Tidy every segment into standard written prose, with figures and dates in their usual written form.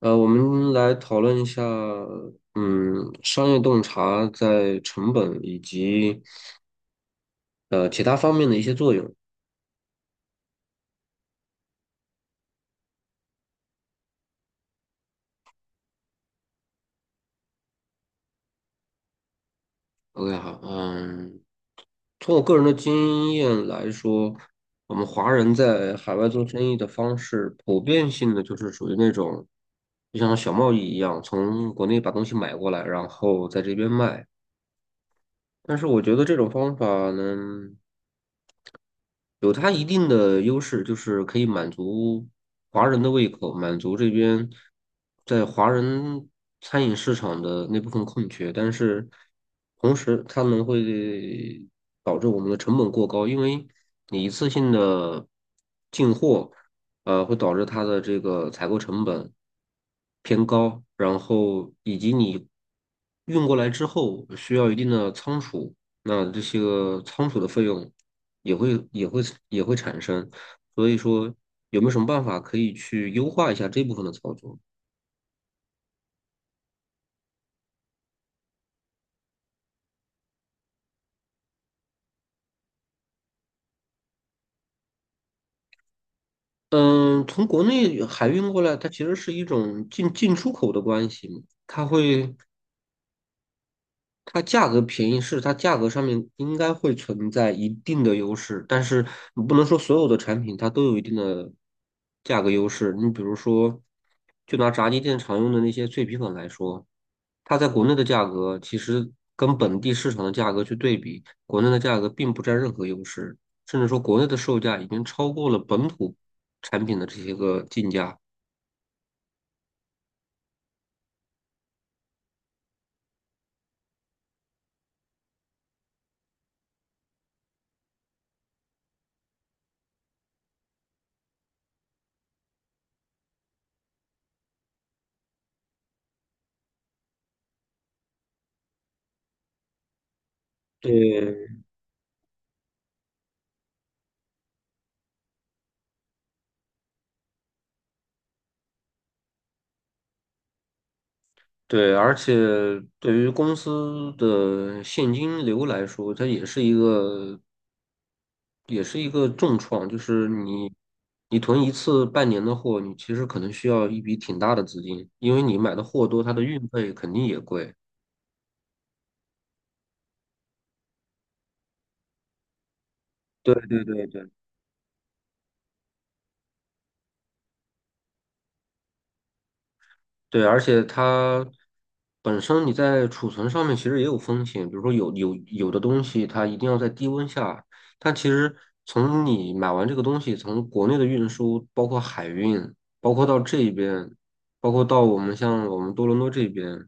我们来讨论一下，商业洞察在成本以及其他方面的一些作用。OK，好，从我个人的经验来说，我们华人在海外做生意的方式，普遍性的就是属于那种，就像小贸易一样，从国内把东西买过来，然后在这边卖。但是我觉得这种方法呢，有它一定的优势，就是可以满足华人的胃口，满足这边在华人餐饮市场的那部分空缺。但是同时，它们会导致我们的成本过高，因为你一次性的进货，会导致它的这个采购成本偏高，然后以及你运过来之后需要一定的仓储，那这些个仓储的费用，也会也会也会产生，所以说有没有什么办法可以去优化一下这部分的操作？嗯，从国内海运过来，它其实是一种出口的关系嘛。它会它价格便宜是它价格上面应该会存在一定的优势，但是你不能说所有的产品它都有一定的价格优势。你比如说，就拿炸鸡店常用的那些脆皮粉来说，它在国内的价格其实跟本地市场的价格去对比，国内的价格并不占任何优势，甚至说国内的售价已经超过了本土产品的这些个进价。对，对，而且对于公司的现金流来说，它也是一个重创。就是你囤一次半年的货，你其实可能需要一笔挺大的资金，因为你买的货多，它的运费肯定也贵。对对对对对，而且它本身你在储存上面其实也有风险，比如说有的东西它一定要在低温下，但其实从你买完这个东西，从国内的运输，包括海运，包括到这边，包括到我们像我们多伦多这边。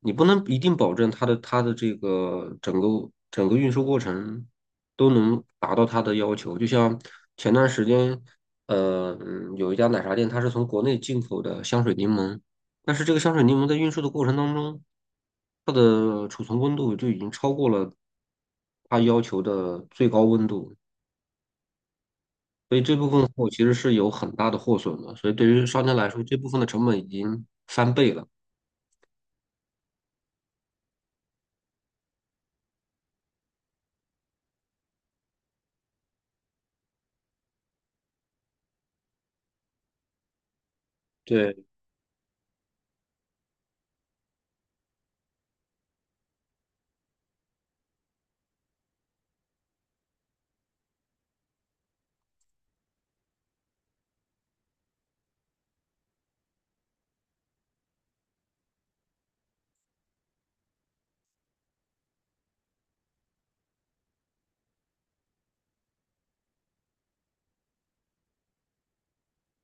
你不能一定保证它的这个整个运输过程都能达到它的要求。就像前段时间，有一家奶茶店，它是从国内进口的香水柠檬，但是这个香水柠檬在运输的过程当中，它的储存温度就已经超过了它要求的最高温度，所以这部分货其实是有很大的货损的。所以对于商家来说，这部分的成本已经翻倍了。对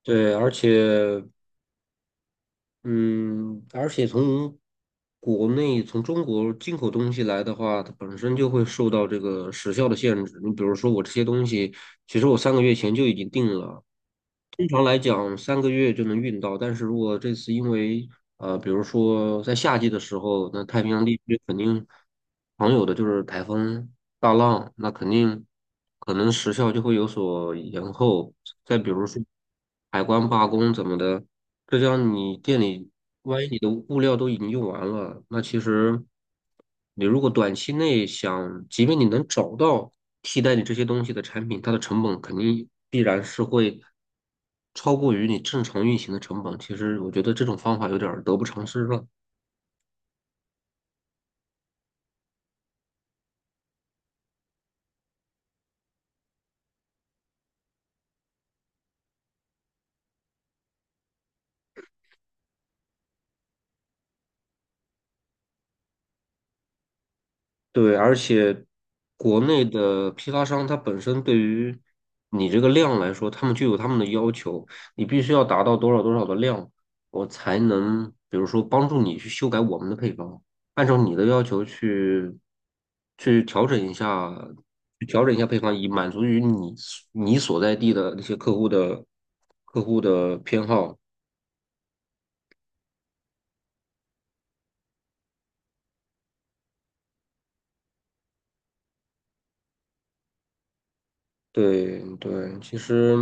对。而且从国内从中国进口东西来的话，它本身就会受到这个时效的限制。你比如说，我这些东西，其实我三个月前就已经定了，通常来讲，三个月就能运到，但是如果这次因为比如说在夏季的时候，那太平洋地区肯定常有的就是台风、大浪，那肯定可能时效就会有所延后。再比如说海关罢工怎么的，这样你店里万一你的物料都已经用完了，那其实。你如果短期内想，即便你能找到替代你这些东西的产品，它的成本肯定必然是会超过于你正常运行的成本。其实我觉得这种方法有点儿得不偿失了。对，而且国内的批发商它本身对于你这个量来说，他们就有他们的要求，你必须要达到多少多少的量，我才能比如说帮助你去修改我们的配方，按照你的要求去调整一下，去调整一下配方，以满足于你所在地的那些客户的偏好。对对，其实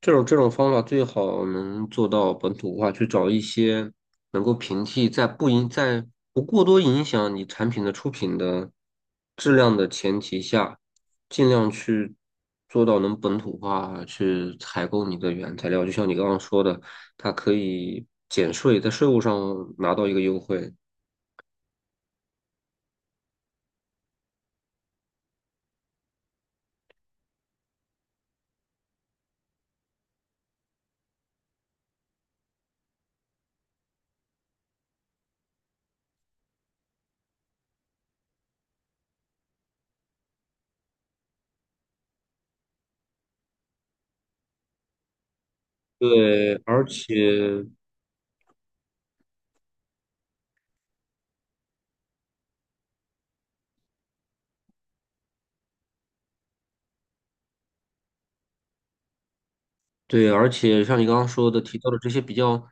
这种方法最好能做到本土化，去找一些能够平替在不过多影响你产品的出品的质量的前提下，尽量去做到能本土化去采购你的原材料。就像你刚刚说的，它可以减税，在税务上拿到一个优惠。对，而且对，而且像你刚刚说的提到的这些比较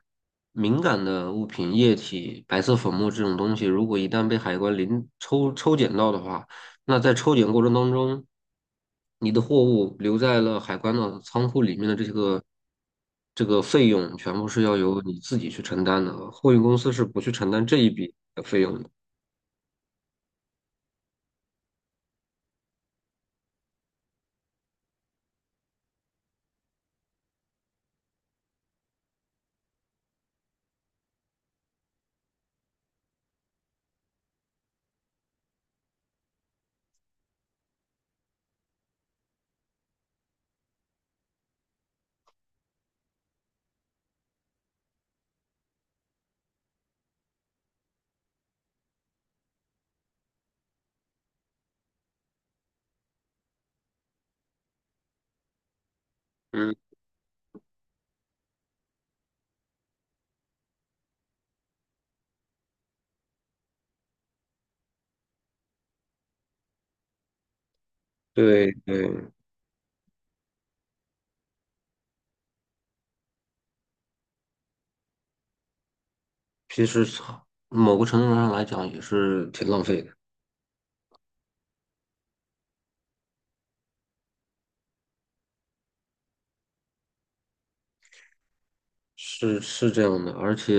敏感的物品、液体、白色粉末这种东西，如果一旦被海关抽检到的话，那在抽检过程当中，你的货物留在了海关的仓库里面的这个费用，全部是要由你自己去承担的，货运公司是不去承担这一笔的费用的。嗯，对对，其实从某个程度上来讲也是挺浪费的。是这样的，而且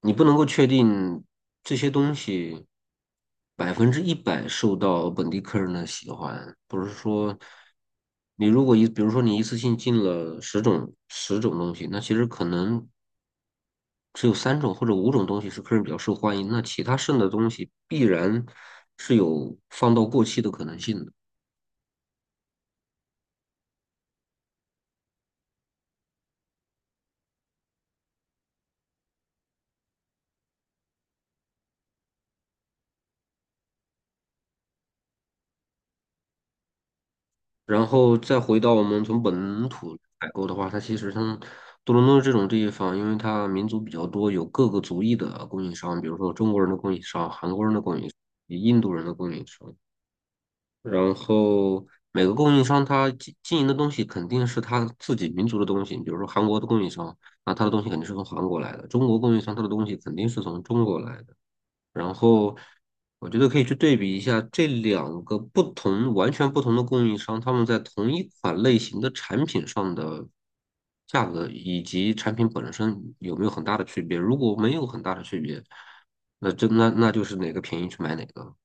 你不能够确定这些东西100%受到本地客人的喜欢，不是说你如果一，比如说你一次性进了十种东西，那其实可能只有3种或者5种东西是客人比较受欢迎，那其他剩的东西必然是有放到过期的可能性的。然后再回到我们从本土采购的话，它其实像多伦多这种地方，因为它民族比较多，有各个族裔的供应商，比如说中国人的供应商、韩国人的供应商、印度人的供应商，然后每个供应商他营的东西肯定是他自己民族的东西，比如说韩国的供应商，那他的东西肯定是从韩国来的；中国供应商他的东西肯定是从中国来的。然后我觉得可以去对比一下这两个不同、完全不同的供应商，他们在同一款类型的产品上的价格以及产品本身有没有很大的区别。如果没有很大的区别，那真那那就是哪个便宜去买哪个。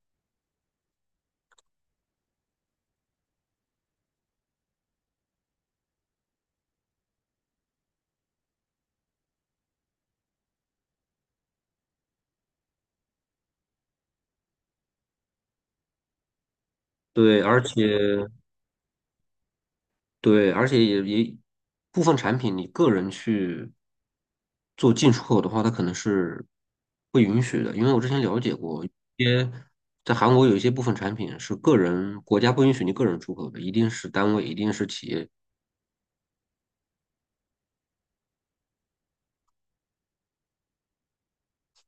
对，而且对，而且也部分产品，你个人去做进出口的话，它可能是不允许的，因为我之前了解过，些在韩国有一些部分产品是个人国家不允许你个人出口的，一定是单位，一定是企业。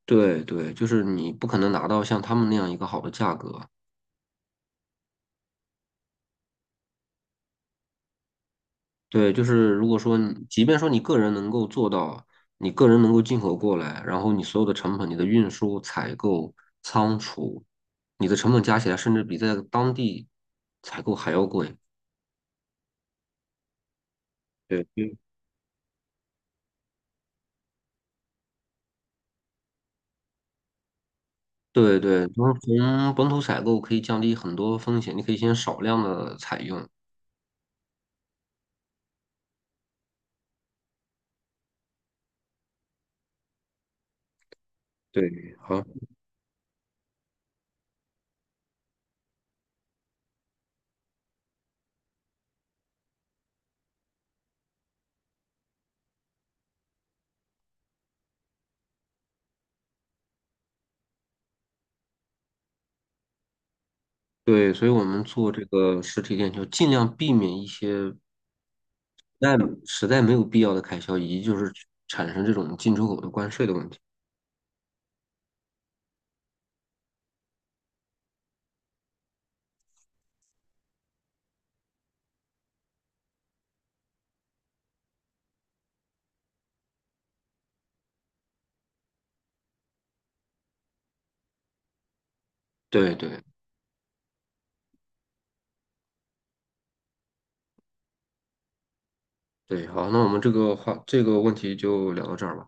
对对，就是你不可能拿到像他们那样一个好的价格。对，就是如果说你即便说你个人能够做到，你个人能够进口过来，然后你所有的成本，你的运输、采购、仓储，你的成本加起来，甚至比在当地采购还要贵。对，对对对，就是从本土采购可以降低很多风险，你可以先少量的采用。对，好，对，所以我们做这个实体店就尽量避免一些在实在没有必要的开销，以及就是产生这种进出口的关税的问题。对对。对，好，那我们这个这个问题就聊到这儿吧。